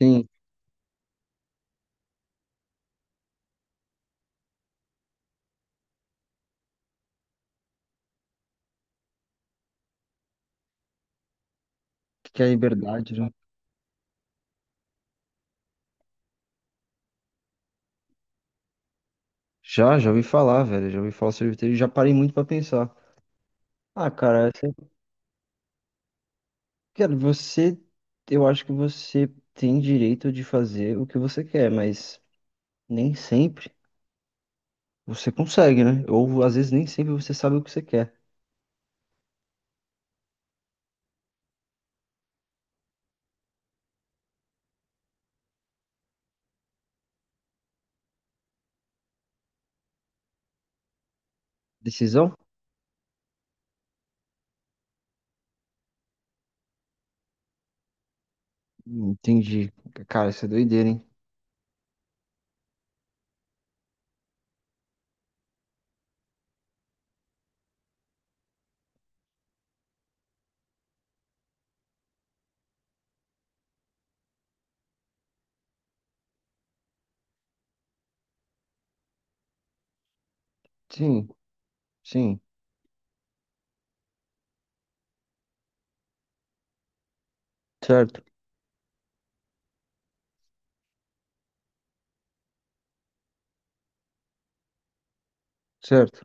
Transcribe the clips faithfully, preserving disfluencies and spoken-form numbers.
Sim, o que que é liberdade, né? Já, já ouvi falar, velho. Já ouvi falar sobre vitreiro e já parei muito pra pensar. Ah, cara, você, cara, você, eu acho que você tem direito de fazer o que você quer, mas nem sempre você consegue, né? Ou às vezes nem sempre você sabe o que você quer. Decisão? Hum, Entendi. Cara, isso é doideira, hein? Sim, sim. Certo, certo.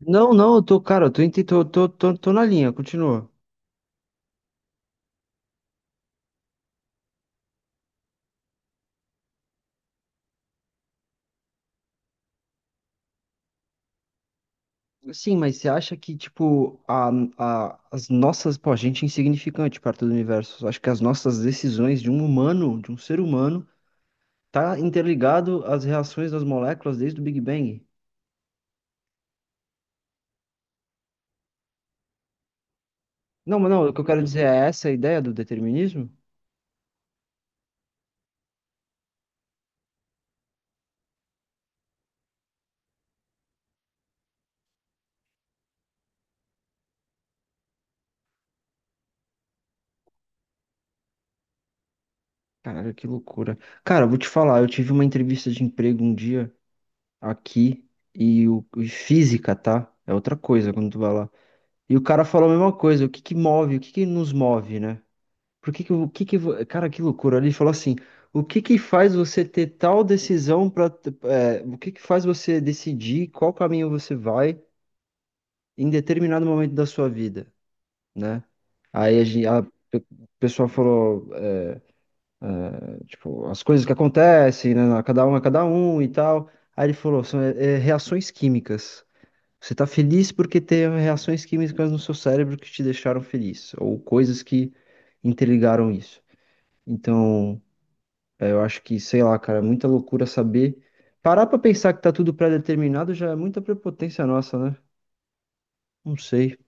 Não, não, eu tô, cara, eu tô, ente- tô, tô, tô, tô na linha, continua. Sim, mas você acha que, tipo, a, a, as nossas, pô, a gente é insignificante perto do universo. Eu acho que as nossas decisões de um humano, de um ser humano, tá interligado às reações das moléculas desde o Big Bang. Não, mas não, o que eu quero dizer é essa a ideia do determinismo? Caralho, que loucura. Cara, eu vou te falar, eu tive uma entrevista de emprego um dia aqui e o e física, tá? É outra coisa quando tu vai lá. E o cara falou a mesma coisa, o que que move, o que que nos move, né? Por que que, o que que, vo- Cara, que loucura. Ele falou assim, o que que faz você ter tal decisão para, o que que faz você decidir qual caminho você vai em determinado momento da sua vida, né? Aí a, gen- a pe- O pessoal falou, é, tipo, as coisas que acontecem, né? na- Cada um é cada um e tal. Aí ele falou, são é, é, reações químicas. Você tá feliz porque tem reações químicas no seu cérebro que te deixaram feliz, ou coisas que interligaram isso. Então é, eu acho que, sei lá, cara, é muita loucura saber. Parar pra pensar que tá tudo pré-determinado já é muita prepotência nossa, né? Não sei.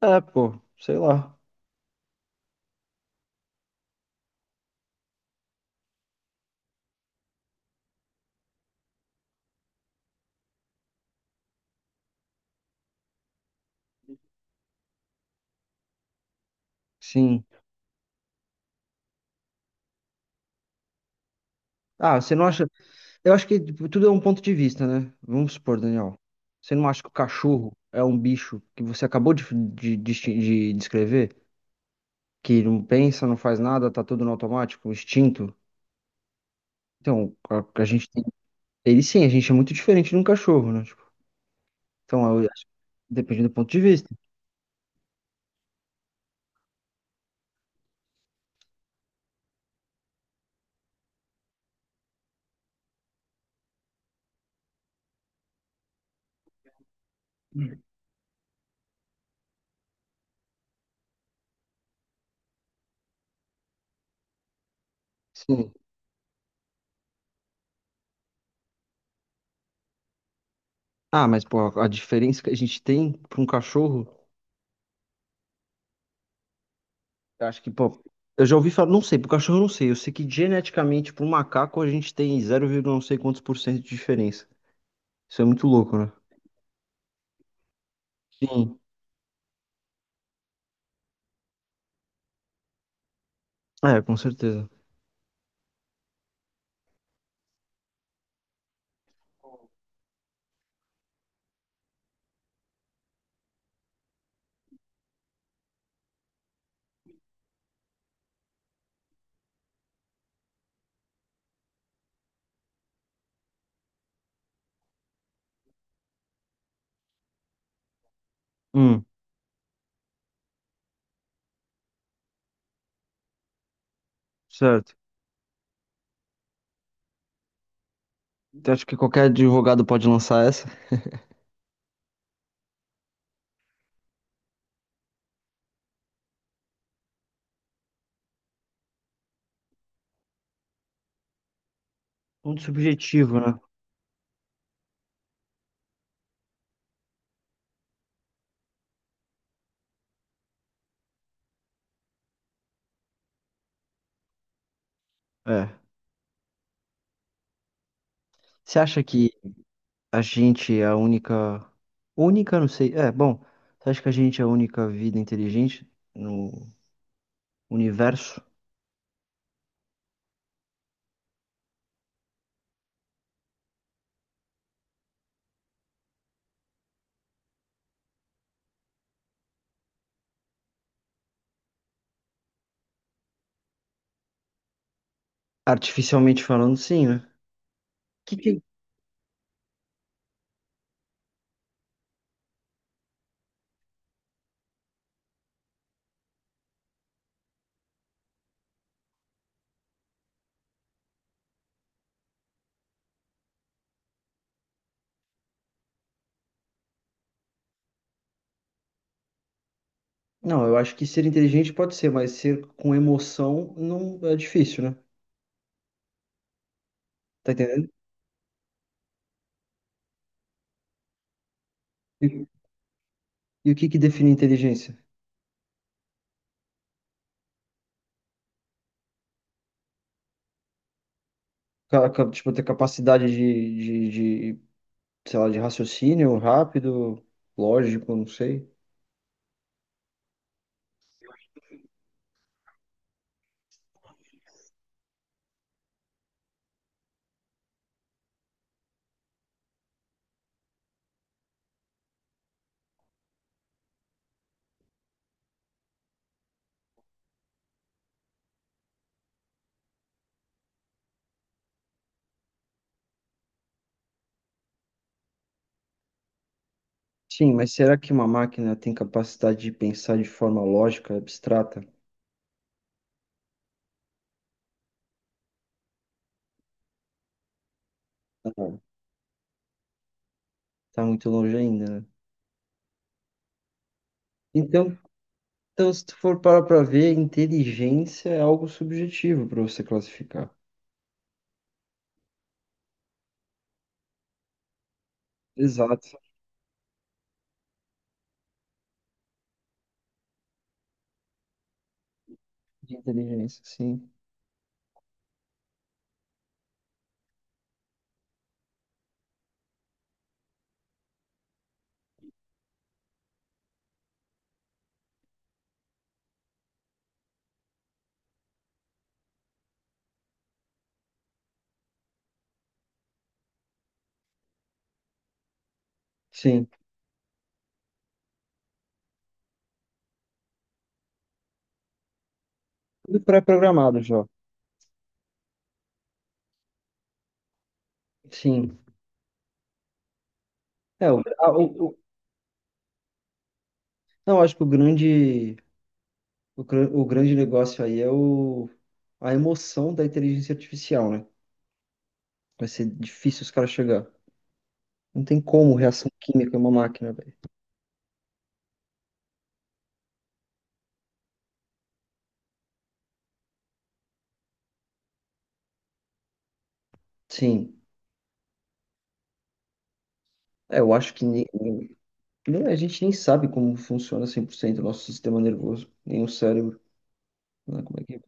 É, pô, sei lá. Sim. Ah, você não acha. Eu acho que tipo, tudo é um ponto de vista, né? Vamos supor, Daniel. Você não acha que o cachorro é um bicho que você acabou de, de, de, de descrever? Que não pensa, não faz nada, tá tudo no automático, instinto? Então, a, a gente tem. Ele sim, a gente é muito diferente de um cachorro, né? Tipo, então, eu acho que depende do ponto de vista. Sim. Ah, mas pô, a diferença que a gente tem para um cachorro, eu acho que, pô, eu já ouvi falar, não sei, pro cachorro eu não sei, eu sei que geneticamente pro macaco a gente tem zero vírgula não sei quantos por cento de diferença. Isso é muito louco, né? Sim. É, com certeza. Hum, certo. Então acho que qualquer advogado pode lançar essa. Muito subjetivo, né? É. Você acha que a gente é a única. Única, não sei. É, bom. Você acha que a gente é a única vida inteligente no universo? Artificialmente falando, sim, né? que, que, Não, eu acho que ser inteligente pode ser, mas ser com emoção não é difícil, né? Tá entendendo? E, e o que que define inteligência? Ca- ca- Tipo, ter capacidade de, de, de, sei lá, de raciocínio rápido, lógico, não sei. Sim, mas será que uma máquina tem capacidade de pensar de forma lógica, abstrata? Não. Tá muito longe ainda, né? Então, então, se tu for parar pra ver, inteligência é algo subjetivo para você classificar. Exato, de inteligência, sim. Sim. Tudo pré-programado já. Sim. É, o, a- o- o- Não, acho que o grande, o, gran- o grande negócio aí é o, a emoção da inteligência artificial, né? Vai ser difícil os caras chegar. Não tem como reação química em uma máquina, velho. Sim. É, eu acho que ni- ni- nem- a gente nem sabe como funciona cem por cento o nosso sistema nervoso, nem o cérebro, né? Como é que...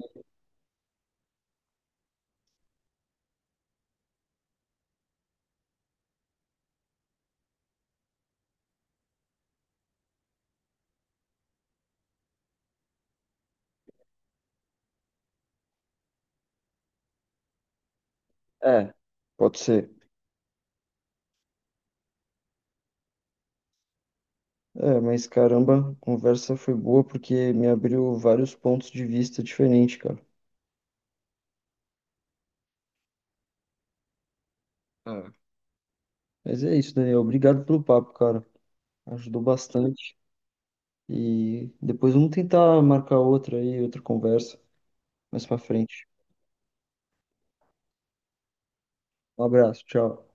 É, pode ser. É, mas caramba, a conversa foi boa porque me abriu vários pontos de vista diferentes, cara. É. Mas é isso, Daniel. Obrigado pelo papo, cara. Ajudou bastante. E depois vamos tentar marcar outra aí, outra conversa mais pra frente. Um abraço, tchau.